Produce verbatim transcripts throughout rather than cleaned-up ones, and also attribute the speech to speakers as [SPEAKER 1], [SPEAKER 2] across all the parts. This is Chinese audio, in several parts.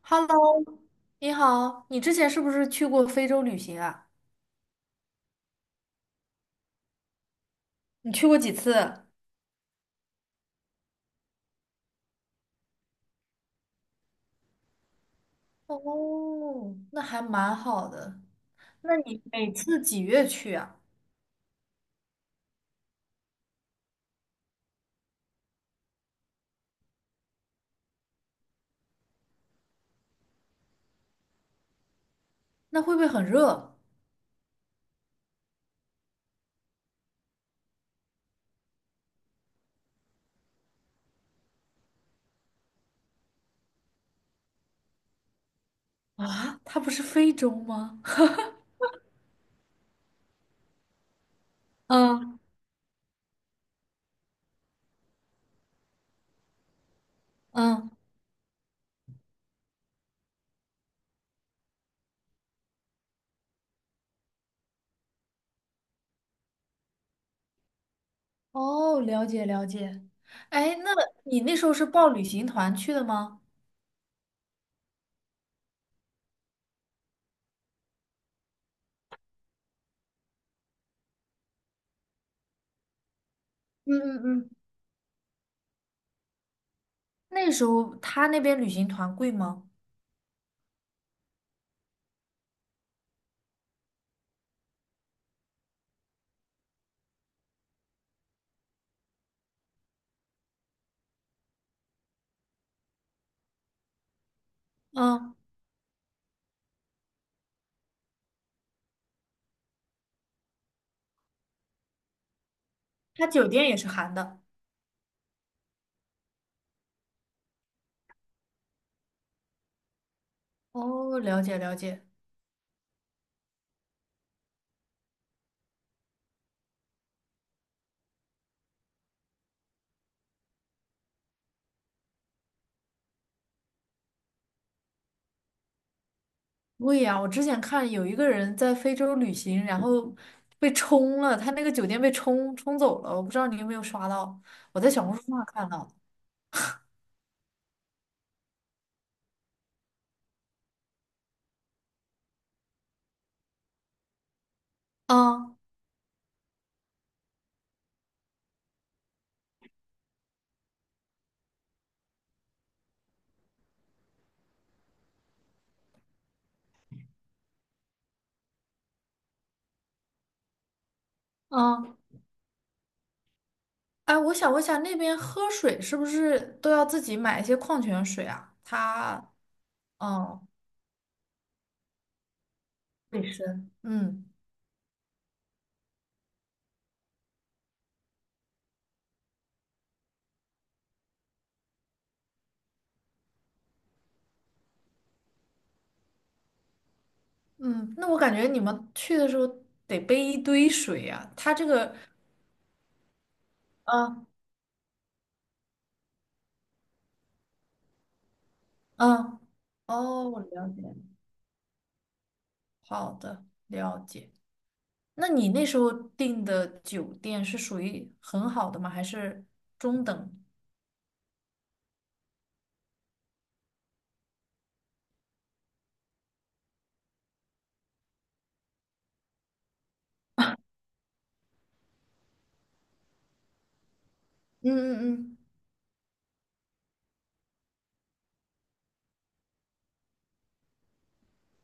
[SPEAKER 1] Hello，你好，你之前是不是去过非洲旅行啊？你去过几次？哦，那还蛮好的。那你每次几月去啊？那会不会很热啊？它不是非洲吗？嗯嗯，哦，了解了解。哎，那你那时候是报旅行团去的吗？嗯嗯嗯那时候他那边旅行团贵吗？嗯，他酒店也是含的。哦，了解了解。对呀，我之前看有一个人在非洲旅行，然后被冲了，他那个酒店被冲冲走了，我不知道你有没有刷到，我在小红书上看到的。嗯嗯，哎，我想问一下，那边喝水是不是都要自己买一些矿泉水啊？他，嗯，卫生。嗯嗯，那我感觉你们去的时候得背一堆水呀、他这个，嗯嗯，哦，我了解了好的，了解。那你那时候订的酒店是属于很好的吗？还是中等？嗯嗯嗯，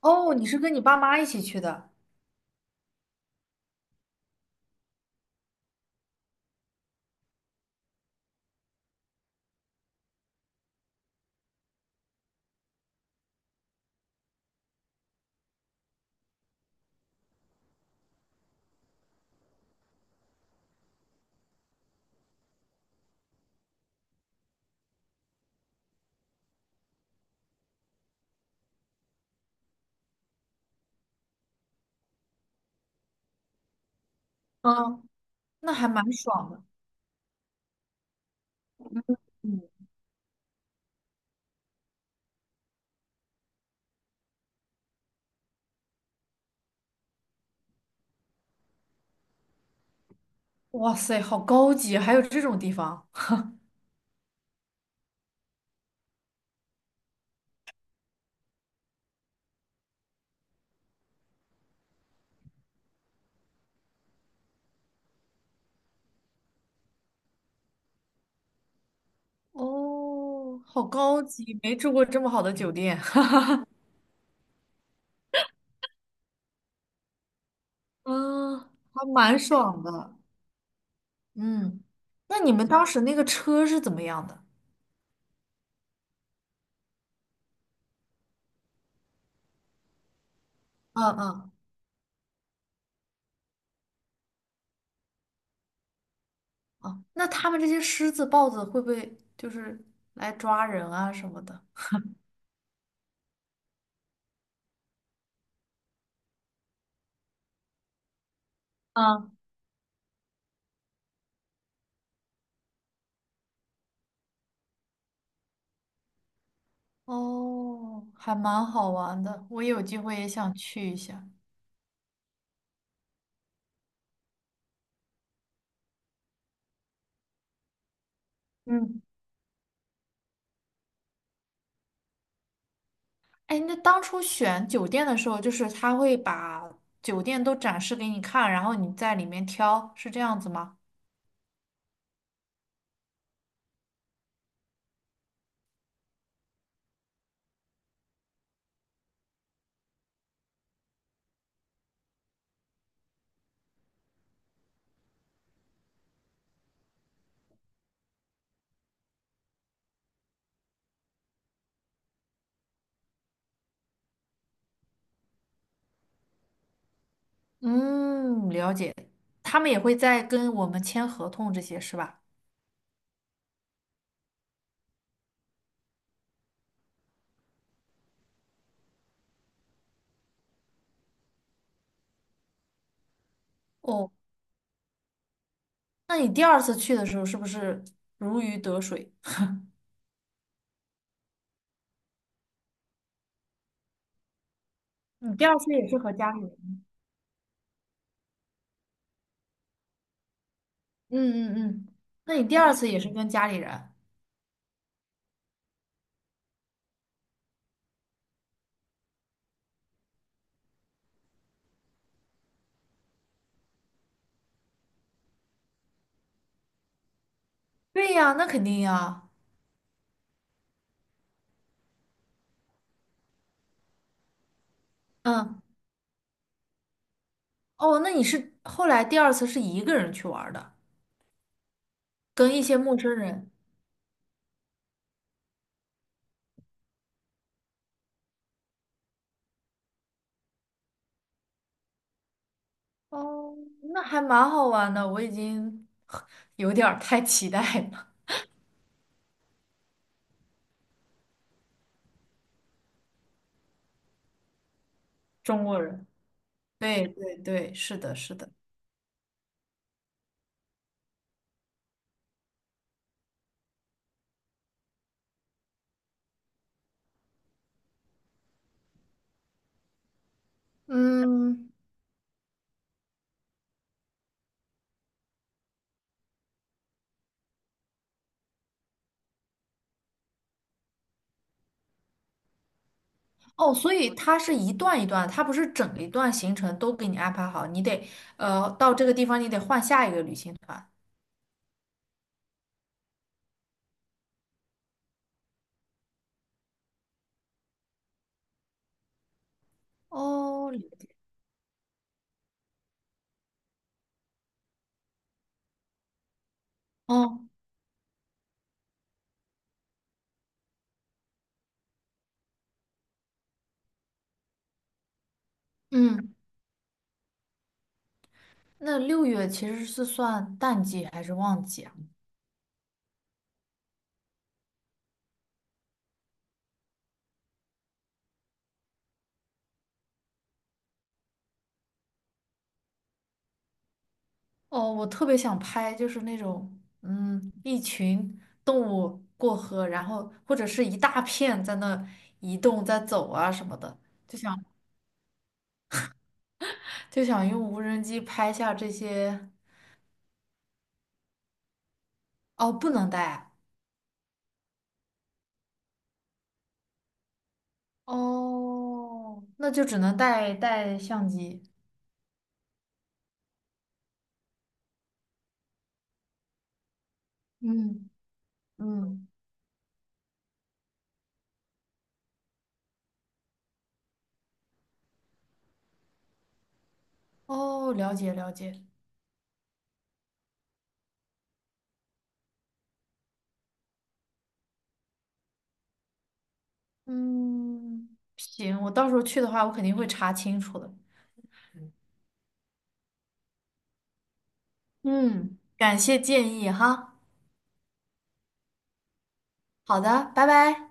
[SPEAKER 1] 哦，你是跟你爸妈一起去的，嗯，那还蛮爽的。嗯，哇塞，好高级，还有这种地方，哦，好高级，没住过这么好的酒店。嗯，还蛮爽的，嗯那你们当时那个车是怎么样的？嗯嗯，哦，那他们这些狮子、豹子会不会就是来抓人啊什么的？哦，还蛮好玩的，我有机会也想去一下。嗯，哎，那当初选酒店的时候，就是他会把酒店都展示给你看，然后你在里面挑，是这样子吗？嗯，了解。他们也会在跟我们签合同这些，是吧？哦，那你第二次去的时候是不是如鱼得水？你第二次也是和家里人？嗯嗯嗯，那你第二次也是跟家里人？对呀，那肯定呀。嗯。哦，那你是后来第二次是一个人去玩儿的，跟一些陌生人。哦，那还蛮好玩的，我已经 有点儿太期待了。中国人，对对对，是的，是的。嗯，哦，所以它是一段一段，它不是整一段行程都给你安排好，你得呃到这个地方，你得换下一个旅行团。哦，了解哦，嗯，那六月其实是算淡季还是旺季啊？哦，我特别想拍，就是那种，嗯，一群动物过河，然后或者是一大片在那移动、在走啊什么的，就想就想用无人机拍下这些。哦，不能带啊哦，那就只能带带相机。嗯嗯，哦，了解了解。嗯，行，我到时候去的话，我肯定会查清楚的。嗯，感谢建议哈。好的，拜拜。